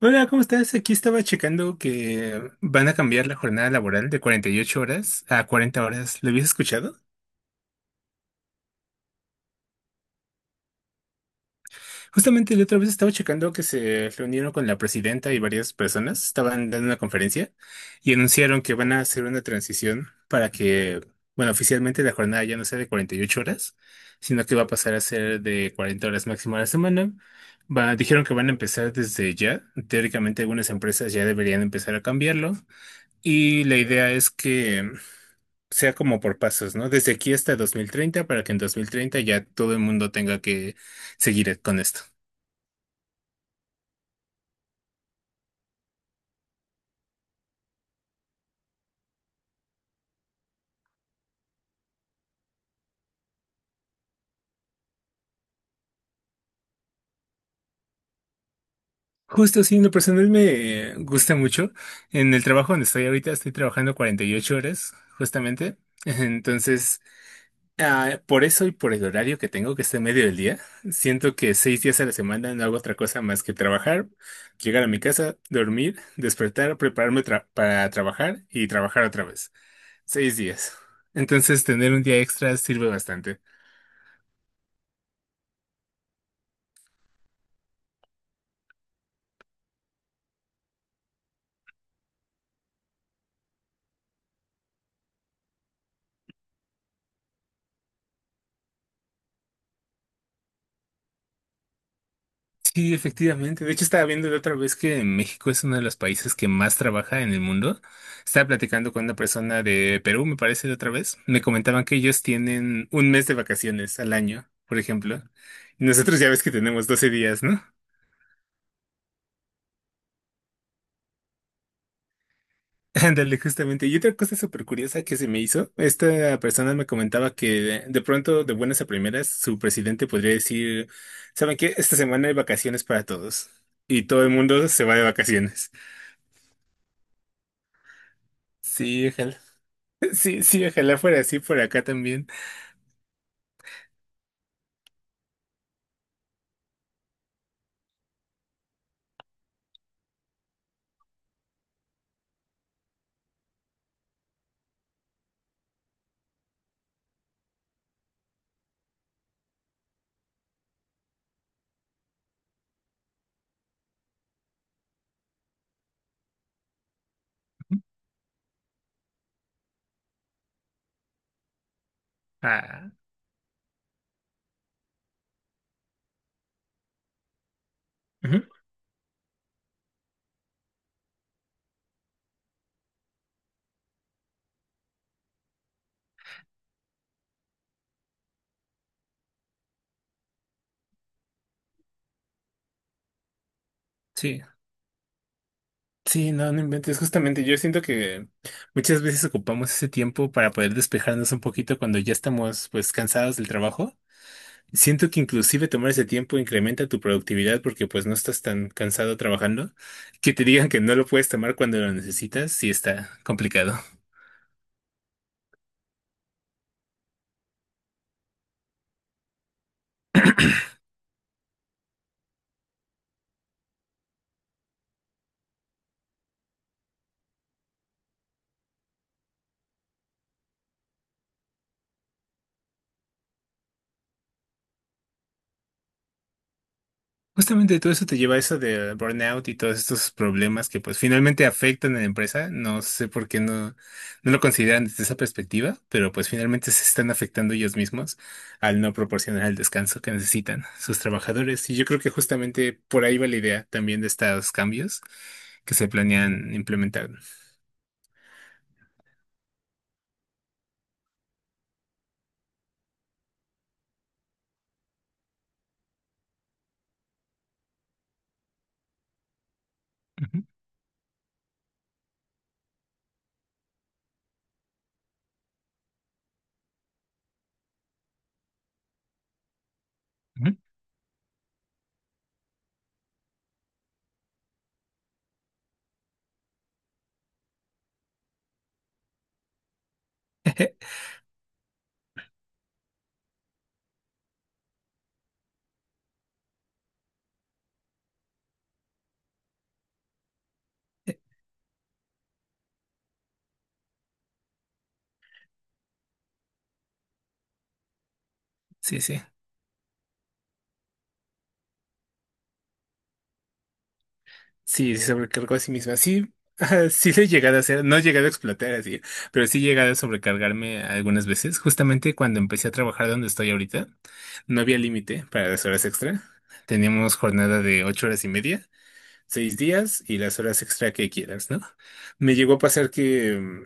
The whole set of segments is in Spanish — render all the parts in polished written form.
Hola, ¿cómo estás? Aquí estaba checando que van a cambiar la jornada laboral de 48 horas a 40 horas. ¿Lo habías escuchado? Justamente la otra vez estaba checando que se reunieron con la presidenta y varias personas, estaban dando una conferencia y anunciaron que van a hacer una transición para que, bueno, oficialmente la jornada ya no sea de 48 horas, sino que va a pasar a ser de 40 horas máximo a la semana. Dijeron que van a empezar desde ya. Teóricamente algunas empresas ya deberían empezar a cambiarlo. Y la idea es que sea como por pasos, ¿no? Desde aquí hasta 2030 para que en 2030 ya todo el mundo tenga que seguir con esto. Justo, sí, en lo personal me gusta mucho. En el trabajo donde estoy ahorita estoy trabajando 48 horas, justamente. Entonces, por eso y por el horario que tengo, que está en medio del día, siento que 6 días a la semana no hago otra cosa más que trabajar, llegar a mi casa, dormir, despertar, prepararme para trabajar y trabajar otra vez. 6 días. Entonces, tener un día extra sirve bastante. Sí, efectivamente. De hecho, estaba viendo la otra vez que México es uno de los países que más trabaja en el mundo. Estaba platicando con una persona de Perú, me parece, de otra vez. Me comentaban que ellos tienen un mes de vacaciones al año, por ejemplo. Y nosotros ya ves que tenemos 12 días, ¿no? Ándale, justamente. Y otra cosa súper curiosa que se me hizo, esta persona me comentaba que de pronto, de buenas a primeras, su presidente podría decir, ¿saben qué? Esta semana hay vacaciones para todos. Y todo el mundo se va de vacaciones. Sí, ojalá. Sí, sí, ojalá fuera así por acá también. Ah, ujú, sí, sí, no, no inventes. Justamente yo siento que muchas veces ocupamos ese tiempo para poder despejarnos un poquito cuando ya estamos pues cansados del trabajo. Siento que inclusive tomar ese tiempo incrementa tu productividad porque pues no estás tan cansado trabajando. Que te digan que no lo puedes tomar cuando lo necesitas, sí está complicado. Justamente todo eso te lleva a eso del burnout y todos estos problemas que pues finalmente afectan a la empresa. No sé por qué no lo consideran desde esa perspectiva, pero pues finalmente se están afectando ellos mismos al no proporcionar el descanso que necesitan sus trabajadores. Y yo creo que justamente por ahí va la idea también de estos cambios que se planean implementar. Ujú, ujú. Sí, sí, sí, se sobrecargó a sí misma. Sí, sí lo he llegado a hacer, no he llegado a explotar así, pero sí he llegado a sobrecargarme algunas veces. Justamente cuando empecé a trabajar donde estoy ahorita, no había límite para las horas extra. Teníamos jornada de 8 horas y media, 6 días y las horas extra que quieras, ¿no? Me llegó a pasar que,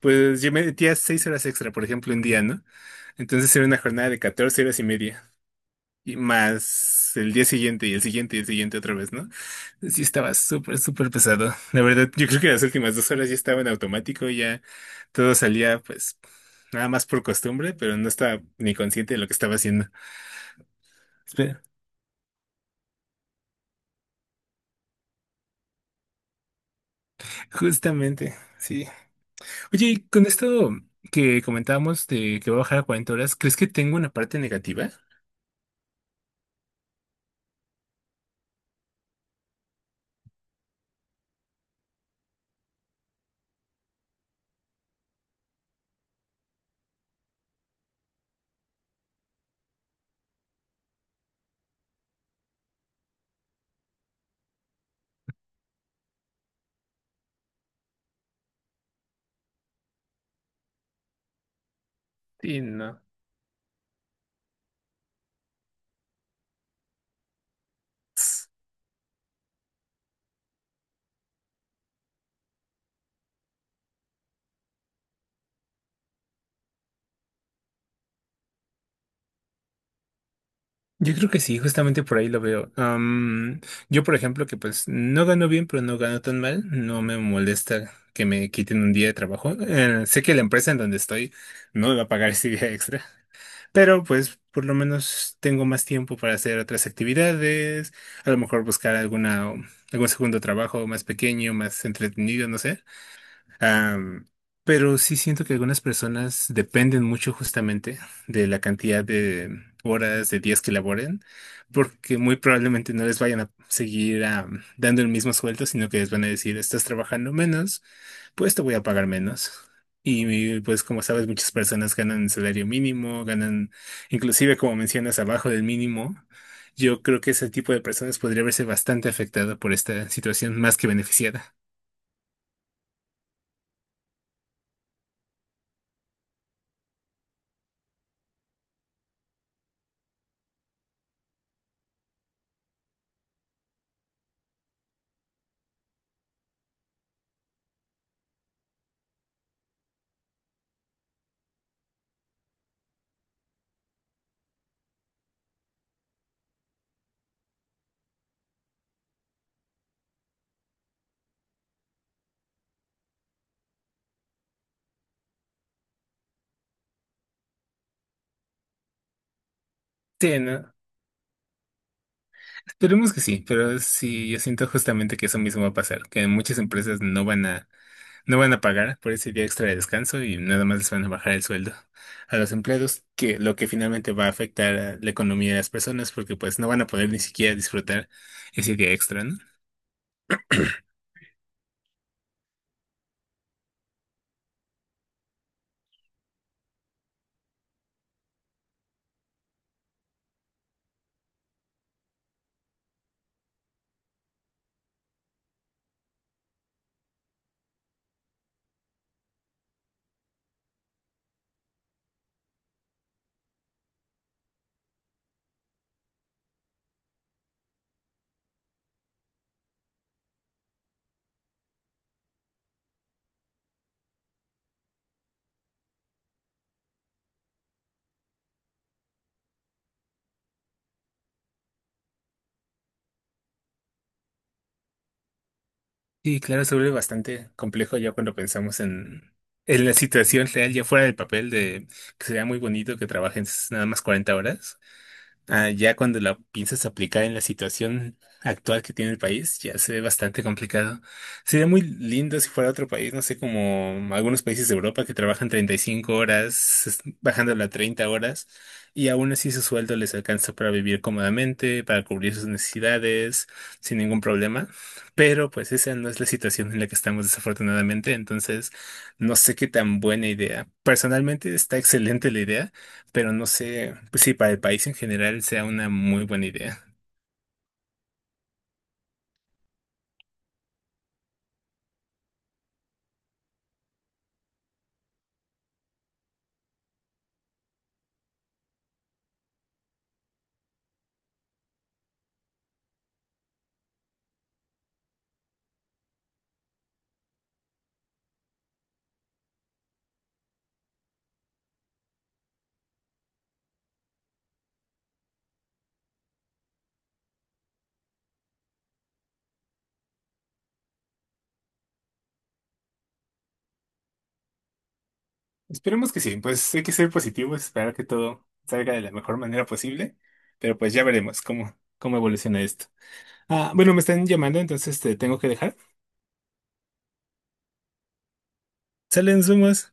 pues yo me metía 6 horas extra, por ejemplo, un día, ¿no? Entonces era una jornada de 14 horas y media. Y más el día siguiente y el siguiente y el siguiente otra vez, ¿no? Sí estaba súper, súper pesado. La verdad, yo creo que las últimas 2 horas ya estaba en automático, ya todo salía pues nada más por costumbre, pero no estaba ni consciente de lo que estaba haciendo. Espera, justamente, sí. Oye, y con esto que comentábamos de que va a bajar a 40 horas, ¿crees que tengo una parte negativa? Sí, no. Yo creo que sí, justamente por ahí lo veo. Yo, por ejemplo, que pues no gano bien, pero no gano tan mal, no me molesta que me quiten un día de trabajo. Sé que la empresa en donde estoy no me va a pagar ese día extra, pero pues por lo menos tengo más tiempo para hacer otras actividades, a lo mejor buscar alguna, algún segundo trabajo más pequeño, más entretenido, no sé. Am, pero sí siento que algunas personas dependen mucho justamente de la cantidad de horas, de días que laboren, porque muy probablemente no les vayan a seguir dando el mismo sueldo, sino que les van a decir, estás trabajando menos, pues te voy a pagar menos. Y pues como sabes, muchas personas ganan salario mínimo, ganan inclusive como mencionas, abajo del mínimo. Yo creo que ese tipo de personas podría verse bastante afectada por esta situación más que beneficiada. Sí, ¿no? Esperemos que sí, pero sí, yo siento justamente que eso mismo va a pasar, que muchas empresas no van a pagar por ese día extra de descanso y nada más les van a bajar el sueldo a los empleados, que lo que finalmente va a afectar a la economía de las personas, porque pues no van a poder ni siquiera disfrutar ese día extra, ¿no? Sí, claro, se vuelve bastante complejo ya cuando pensamos en la situación real, ya fuera del papel de que sería muy bonito que trabajes nada más 40 horas. Ah, ya cuando la piensas aplicar en la situación actual que tiene el país, ya se ve bastante complicado. Sería muy lindo si fuera otro país, no sé, como algunos países de Europa que trabajan 35 horas, bajándola a 30 horas, y aún así su sueldo les alcanza para vivir cómodamente, para cubrir sus necesidades, sin ningún problema. Pero pues esa no es la situación en la que estamos desafortunadamente, entonces no sé qué tan buena idea. Personalmente está excelente la idea, pero no sé, pues sí, para el país en general sea una muy buena idea. Esperemos que sí, pues hay que ser positivos, esperar que todo salga de la mejor manera posible, pero pues ya veremos cómo evoluciona esto. Ah, bueno, me están llamando, entonces te tengo que dejar. Salen sumas.